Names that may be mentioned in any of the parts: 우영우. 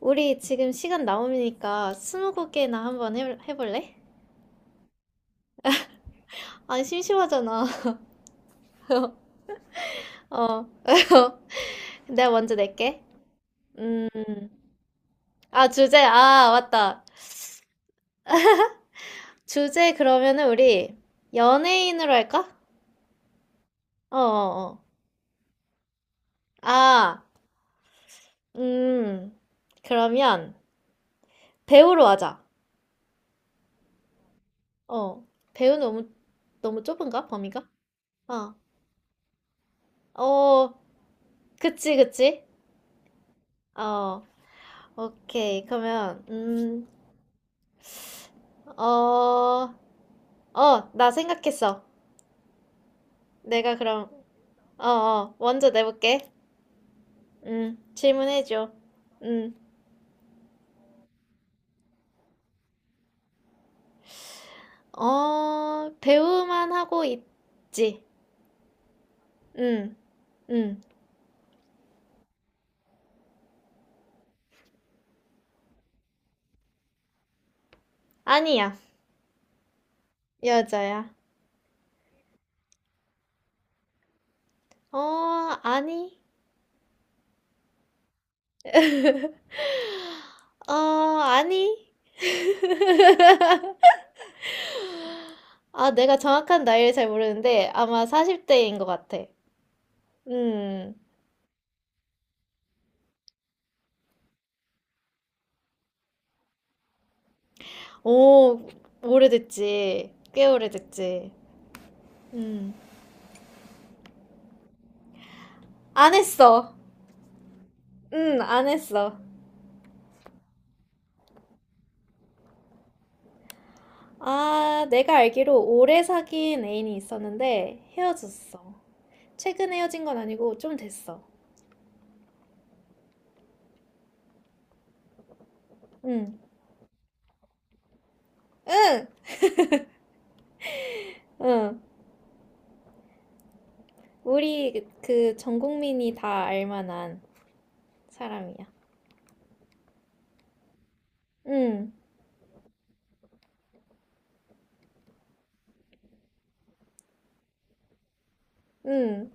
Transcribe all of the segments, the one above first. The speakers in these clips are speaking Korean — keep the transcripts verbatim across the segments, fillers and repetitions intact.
우리 지금 시간 남으니까 스무고개나 한번 해, 해볼래? 아니, 심심하잖아. 어, 내가 먼저 낼게. 음, 아, 주제, 아, 맞다. 주제 그러면은 우리 연예인으로 할까? 어, 어, 어. 아, 음, 그러면 배우로 하자. 어, 배우 너무, 너무 좁은가? 범위가? 어, 어, 그치, 그치. 어, 오케이. 그러면, 음, 어, 어, 나 생각했어. 내가 그럼, 어, 어, 먼저 내볼게. 음, 질문해줘. 음, 어, 배우만 하고 있지. 음, 음, 아니야. 여자야. 어, 아니. 어, 아니. 아, 내가 정확한 나이를 잘 모르는데 아마 사십 대인 것 같아. 음, 오, 오래됐지. 꽤 오래됐지. 음, 안 했어. 음, 안 했어. 아, 내가 알기로 오래 사귄 애인이 있었는데 헤어졌어. 최근 헤어진 건 아니고 좀 됐어. 응, 응, 응. 우리 그 전 국민이 다 알만한 사람이야. 응, 응,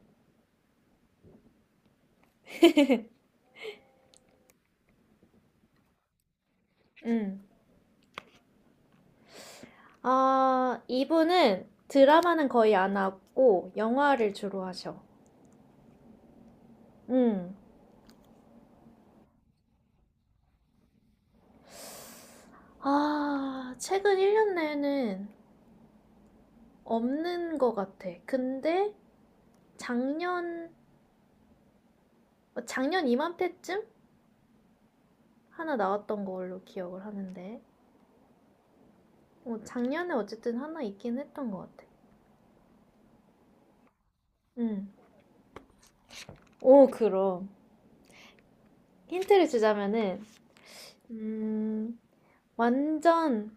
응. 아, 이분은 드라마는 거의 안 하고 영화를 주로 하셔. 응. 아, 최근 일 년 내는 없는 것 같아. 근데 작년, 어, 작년 이맘때쯤? 하나 나왔던 걸로 기억을 하는데 어, 작년에 어쨌든 하나 있긴 했던 것 같아. 응. 오, 그럼 힌트를 주자면은, 음, 완전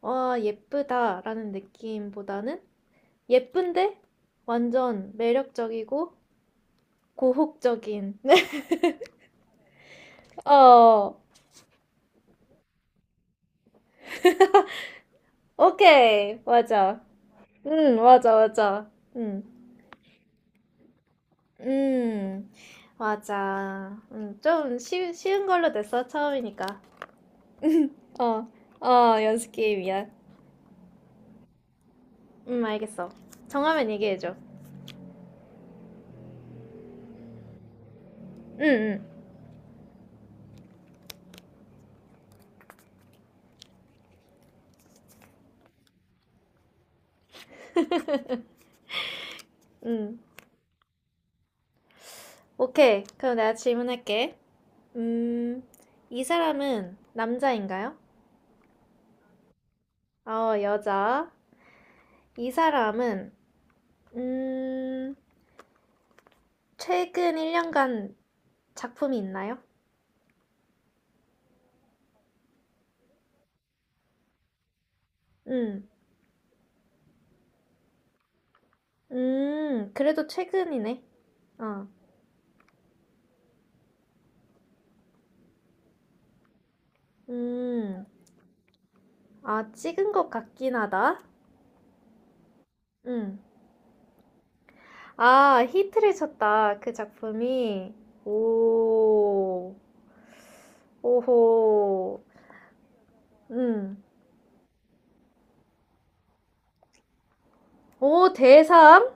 와 예쁘다라는 느낌보다는 예쁜데 완전 매력적이고 고혹적인. 어, 오케이 맞아. 응, 맞아 맞아. 응. 음, 맞아. 음, 좀 쉬, 쉬운 걸로 됐어 처음이니까. 어, 어, 연습 게임이야. 음, 알겠어. 정하면 얘기해줘. 응, 응, 응. 오케이. 그럼 내가 질문할게. 음, 이 사람은 남자인가요? 어, 여자. 이 사람은, 음, 최근 일 년간 작품이 있나요? 음, 음, 그래도 최근이네. 어, 음, 아, 찍은 것 같긴 하다. 음, 아, 히트를 쳤다. 그 작품이. 오, 오호. 음. 오, 대상?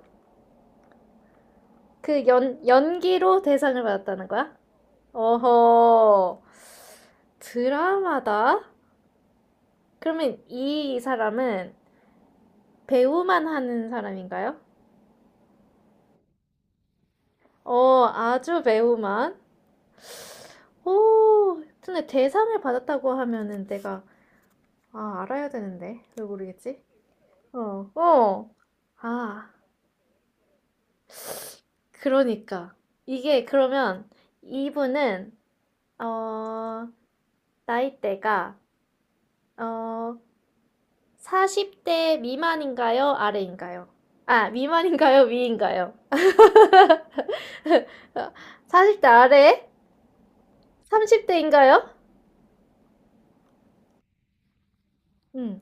그 연, 연기로 대상을 받았다는 거야? 어허. 드라마다? 그러면 이 사람은 배우만 하는 사람인가요? 어, 아주 배우만. 오, 근데 대상을 받았다고 하면은 내가, 아, 알아야 되는데. 왜 모르겠지? 어, 어. 아. 그러니까 이게 그러면 이분은, 어, 나이대가, 어, 사십 대 미만인가요? 아래인가요? 아, 미만인가요? 위인가요? 사십 대 아래? 삼십 대인가요? 음.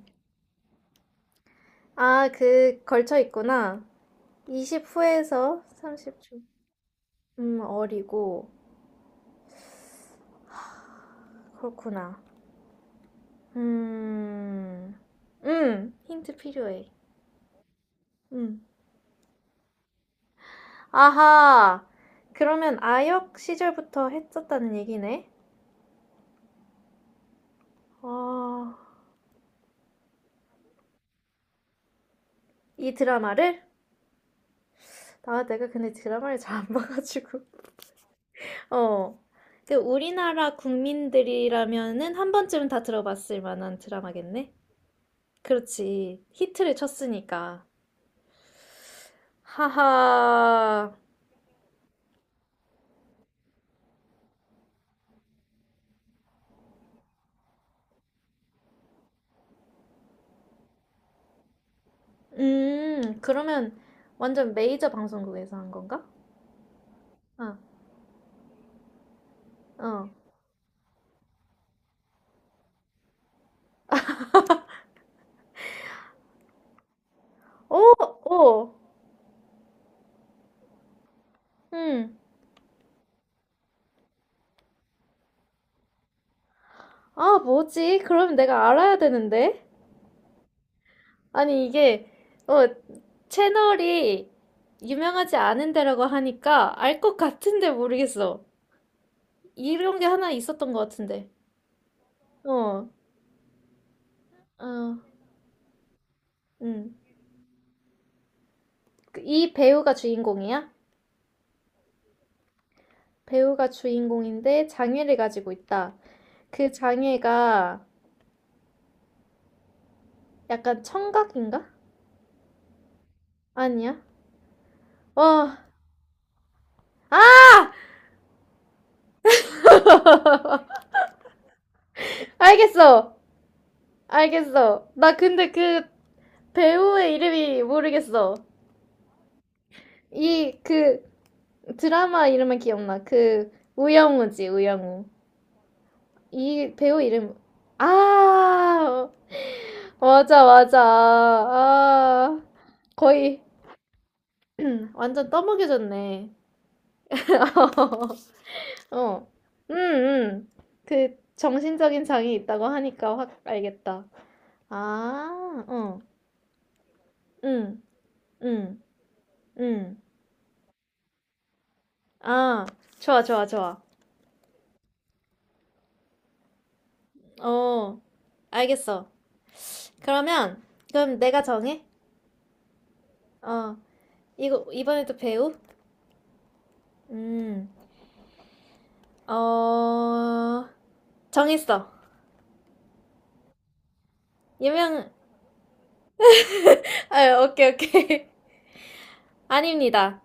아, 그 걸쳐 있구나. 이십 후에서 삼십 중. 음, 어리고 그렇구나. 음. 음, 힌트 필요해. 음. 아하. 그러면 아역 시절부터 했었다는 얘기네. 아, 이 드라마를? 아, 내가 근데 드라마를 잘 안 봐가지고. 어. 그 우리나라 국민들이라면은 한 번쯤은 다 들어봤을 만한 드라마겠네? 그렇지. 히트를 쳤으니까. 하하. 음, 그러면 완전 메이저 방송국에서 한 건가? 아, 어. 오, 오. 음. 아, 뭐지? 그럼 내가 알아야 되는데. 아니, 이게, 어, 채널이 유명하지 않은 데라고 하니까 알 것 같은데 모르겠어. 이런 게 하나 있었던 것 같은데. 어, 어, 음. 그이 배우가 주인공이야? 배우가 주인공인데 장애를 가지고 있다. 그 장애가 약간 청각인가? 아니야? 어, 아! 알겠어! 알겠어. 나 근데 그 배우의 이름이 모르겠어. 이, 그, 드라마 이름은 기억나. 그 우영우지, 우영우. 이 배우 이름. 아 맞아 맞아 아 거의 완전 떠먹여졌네. 어, 음, 음. 그 정신적인 장애 있다고 하니까 확 알겠다. 아, 어, 음, 음, 음. 아, 좋아, 좋아, 좋아. 어, 알겠어. 그러면 그럼 내가 정해? 어. 이거 이번에도 배우? 음, 어, 정했어. 유명, 아, 오케이, 오케이. 아닙니다.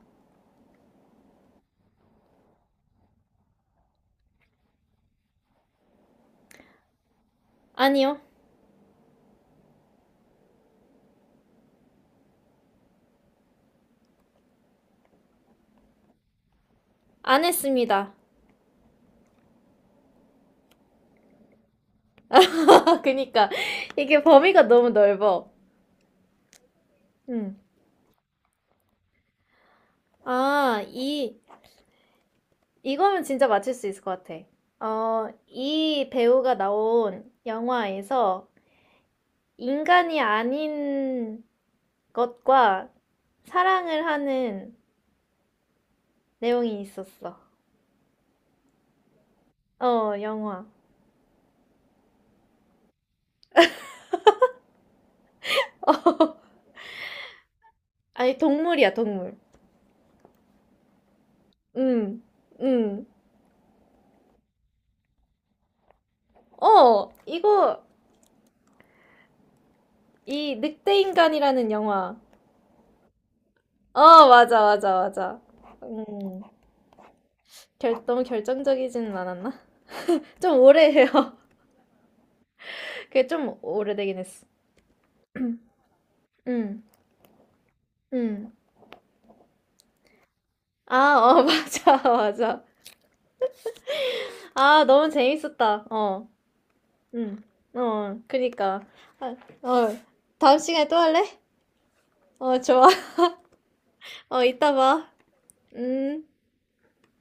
아니요. 안 했습니다. 그니까, 이게 범위가 너무 넓어. 음. 아, 이, 이거면 진짜 맞출 수 있을 것 같아. 어, 이 배우가 나온 영화에서 인간이 아닌 것과 사랑을 하는 내용이 있었어. 어, 영화. 아니, 동물이야, 동물. 응, 응. 어, 이거, 이 늑대인간이라는 영화. 어, 맞아, 맞아, 맞아. 음, 결, 너무 결정적이지는 않았나? 좀 오래해요. 그게 좀 오래되긴 했어. 응, 응. 아, 어, 맞아, 맞아. 아, 너무 재밌었다. 어, 응, 어, 그니까. 아, 어, 다음 시간에 또 할래? 어, 좋아. 어, 이따 봐. 음.